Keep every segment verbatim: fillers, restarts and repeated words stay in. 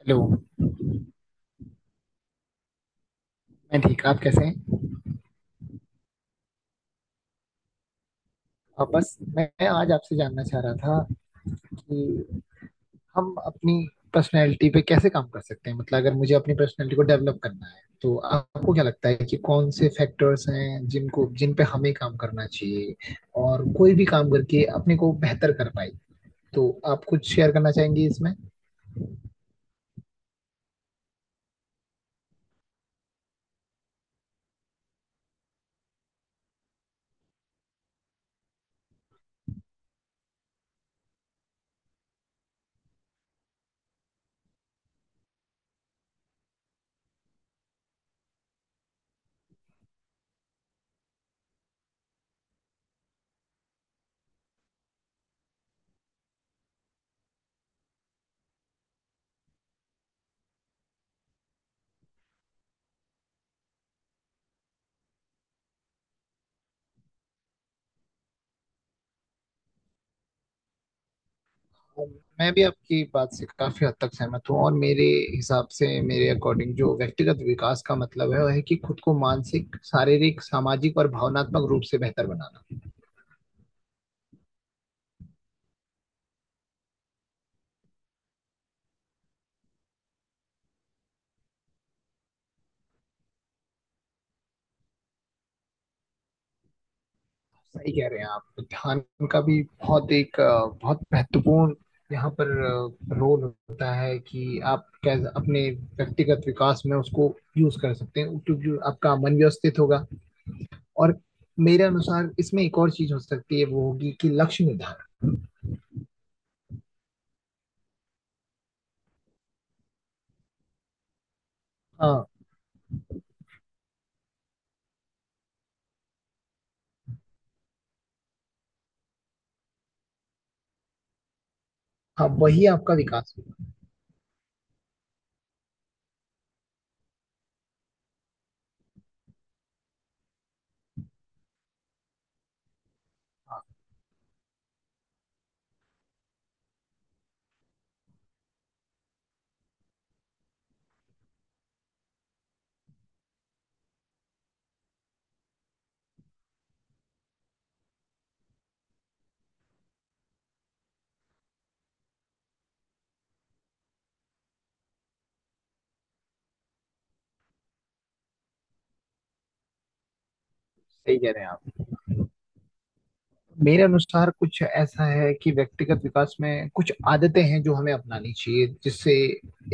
Hello. मैं ठीक, आप कैसे हैं। आ, बस मैं आज आपसे जानना चाह रहा था कि हम अपनी पर्सनैलिटी पे कैसे काम कर सकते हैं। मतलब अगर मुझे अपनी पर्सनैलिटी को डेवलप करना है तो आपको क्या लगता है कि कौन से फैक्टर्स हैं जिनको जिन पे हमें काम करना चाहिए और कोई भी काम करके अपने को बेहतर कर पाए। तो आप कुछ शेयर करना चाहेंगे इसमें। मैं भी आपकी बात से काफी हद तक सहमत हूँ और मेरे हिसाब से, मेरे अकॉर्डिंग, जो व्यक्तिगत विकास का मतलब है वह है कि खुद को मानसिक, शारीरिक, सामाजिक और भावनात्मक रूप से बेहतर बनाना। सही कह रहे हैं आप। ध्यान का भी बहुत एक अ, बहुत महत्वपूर्ण यहाँ पर अ, रोल होता है कि आप कैसे अपने व्यक्तिगत विकास में उसको यूज कर सकते हैं, क्योंकि आपका मन व्यवस्थित होगा। और मेरे अनुसार इसमें एक और चीज हो सकती है, वो होगी कि लक्ष्य निर्धारण। हाँ। हाँ, वही आपका विकास। सही कह रहे हैं आप। मेरे अनुसार कुछ ऐसा है कि व्यक्तिगत विकास में कुछ आदतें हैं जो हमें अपनानी चाहिए, जिससे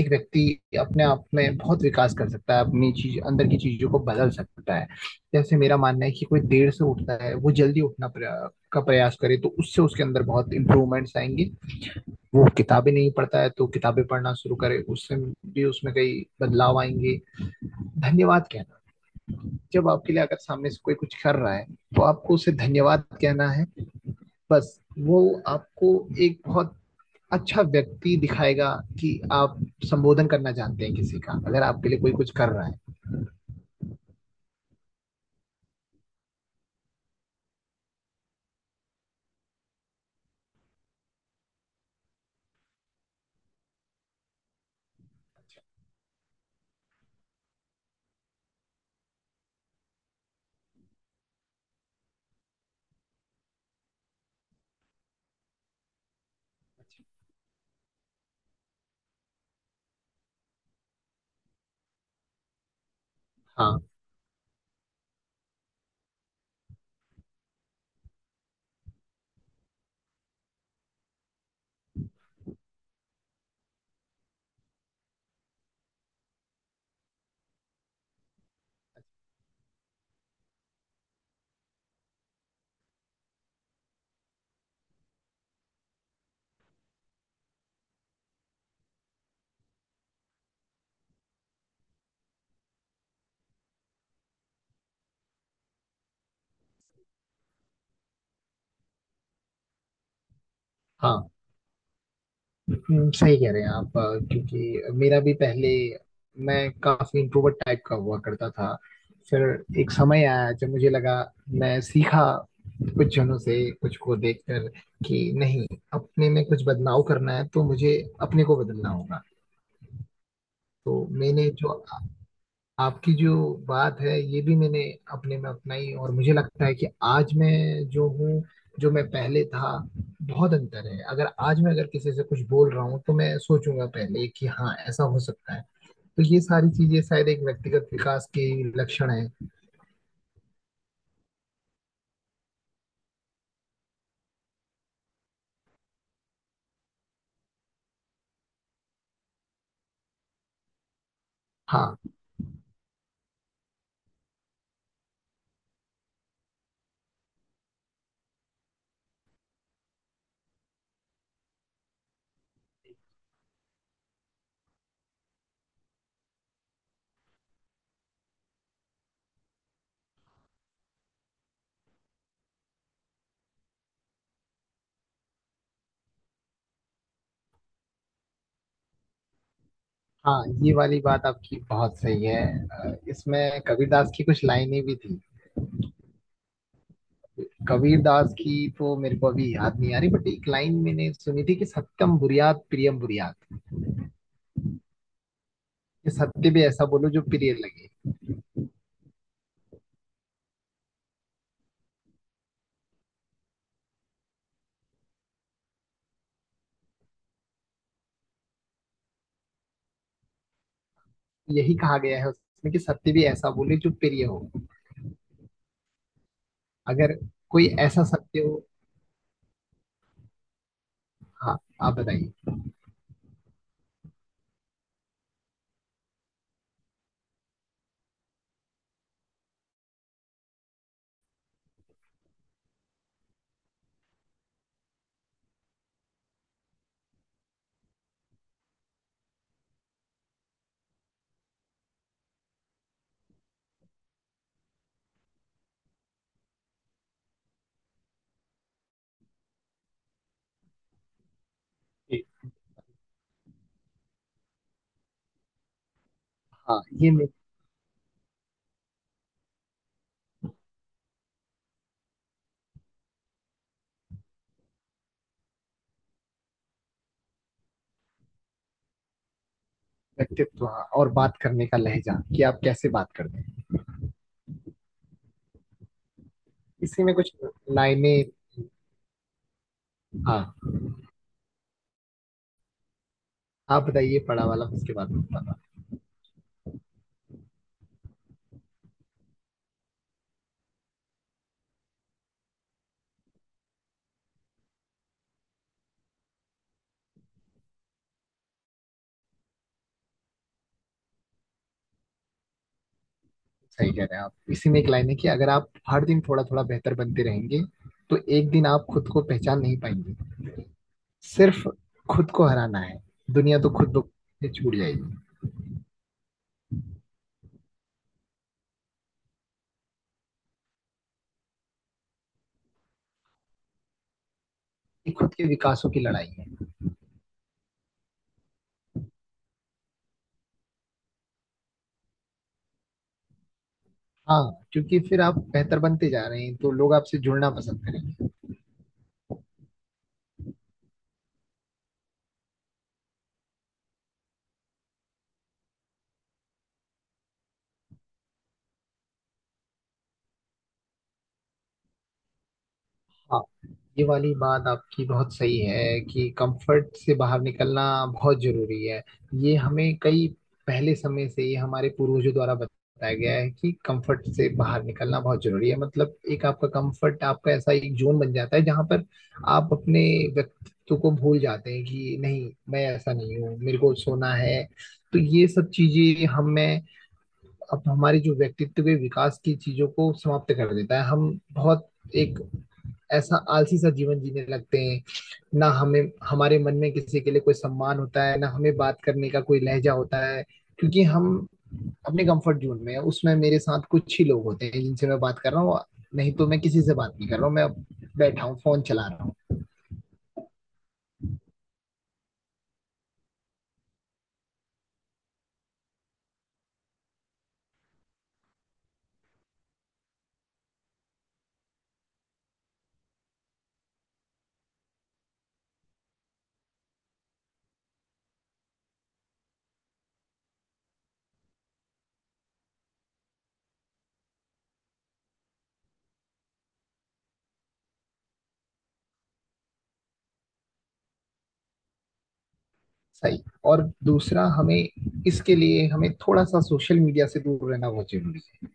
एक व्यक्ति अपने आप में बहुत विकास कर सकता है, अपनी चीज, अंदर की चीजों को बदल सकता है। जैसे मेरा मानना है कि कोई देर से उठता है, वो जल्दी उठना प्रया, का प्रयास करे तो उससे उसके अंदर बहुत इंप्रूवमेंट्स आएंगे। वो किताबें नहीं पढ़ता है तो किताबें पढ़ना शुरू करे, उससे भी उसमें कई बदलाव आएंगे। धन्यवाद कहना, जब आपके लिए अगर सामने से कोई कुछ कर रहा है तो आपको उसे धन्यवाद कहना है। बस वो आपको एक बहुत अच्छा व्यक्ति दिखाएगा कि आप संबोधन करना चाहते हैं किसी का, अगर आपके लिए कोई कुछ कर रहा है। हाँ। हाँ। हम्म, सही कह रहे हैं आप। अ, क्योंकि मेरा भी पहले, मैं काफी इंट्रोवर्ट टाइप का हुआ करता था। फिर एक समय आया जब मुझे लगा, मैं सीखा कुछ जनों से, कुछ को देखकर, कि नहीं, अपने में कुछ बदलाव करना है तो मुझे अपने को बदलना होगा। तो मैंने जो आपकी जो बात है ये भी मैंने अपने में अपनाई, और मुझे लगता है कि आज मैं जो हूँ, जो मैं पहले था, बहुत अंतर है। अगर आज मैं अगर किसी से कुछ बोल रहा हूँ तो मैं सोचूंगा पहले कि हाँ ऐसा हो सकता है। तो ये सारी चीजें शायद एक व्यक्तिगत विकास के लक्षण है। हाँ। हाँ, ये वाली बात आपकी बहुत सही है। अ, इसमें कबीरदास की कुछ लाइनें भी थी। कबीरदास की तो मेरे को अभी याद नहीं आ रही, बट एक लाइन मैंने सुनी थी कि सत्यम बुरियात प्रियम बुरियात। कि सत्य भी ऐसा बोलो जो प्रिय लगे। यही कहा गया है उसमें कि सत्य भी ऐसा बोले जो प्रिय हो। अगर कोई ऐसा सत्य हो। हाँ, आप बताइए। कि हाँ, ये मेरा व्यक्तित्व, हाँ। और बात करने का लहजा कि आप कैसे बात करते हैं। इसी में कुछ लाइनें। हाँ, आप बताइए, पड़ा वाला उसके बाद में बताना। सही कह रहे हैं आप। इसी में एक लाइन है कि अगर आप हर दिन थोड़ा थोड़ा बेहतर बनते रहेंगे तो एक दिन आप खुद को पहचान नहीं पाएंगे। सिर्फ खुद को हराना है, दुनिया तो खुद ब- से छूट जाएगी। ये खुद के विकासों की लड़ाई है। हाँ, क्योंकि फिर आप बेहतर बनते जा रहे हैं तो लोग आपसे जुड़ना पसंद करेंगे। हाँ, ये वाली बात आपकी बहुत सही है कि कंफर्ट से बाहर निकलना बहुत जरूरी है। ये हमें कई पहले समय से ही हमारे पूर्वजों द्वारा बताया गया है कि कंफर्ट से बाहर निकलना बहुत जरूरी है। मतलब एक आपका कंफर्ट, आपका ऐसा एक जोन बन जाता है जहां पर आप अपने व्यक्तित्व को भूल जाते हैं कि नहीं, मैं ऐसा नहीं हूँ, मेरे को सोना है। तो ये सब चीजें हमें, अब हमारी जो व्यक्तित्व के विकास की चीजों को समाप्त कर देता है। हम बहुत एक ऐसा आलसी सा जीवन जीने लगते हैं। ना हमें हमारे मन में किसी के लिए कोई सम्मान होता है, ना हमें बात करने का कोई लहजा होता है, क्योंकि हम अपने कंफर्ट जोन में हैं। उसमें मेरे साथ कुछ ही लोग होते हैं जिनसे मैं बात कर रहा हूँ, नहीं तो मैं किसी से बात नहीं कर रहा हूँ। मैं बैठा हूँ, फोन चला रहा हूँ। सही। और दूसरा, हमें इसके लिए हमें थोड़ा सा सोशल मीडिया से दूर रहना बहुत जरूरी है।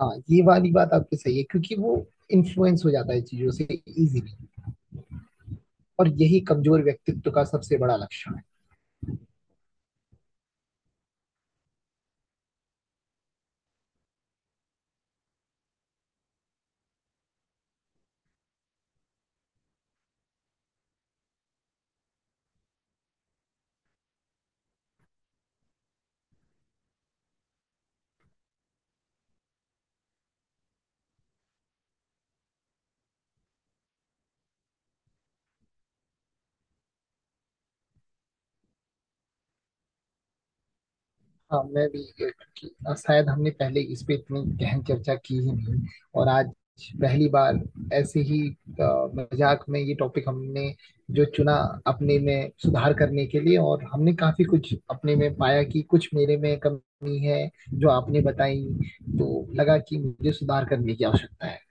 हाँ, ये वाली बात आपकी सही है, क्योंकि वो इन्फ्लुएंस हो जाता है चीजों से इजीली, और यही कमजोर व्यक्तित्व का सबसे बड़ा लक्षण है। हाँ, मैं भी, क्योंकि शायद हमने पहले इस पे इतनी गहन चर्चा की ही नहीं, और आज पहली बार ऐसे ही अ, मजाक में ये टॉपिक हमने जो चुना अपने में सुधार करने के लिए, और हमने काफी कुछ अपने में पाया कि कुछ मेरे में कमी है जो आपने बताई, तो लगा कि मुझे सुधार करने की आवश्यकता है।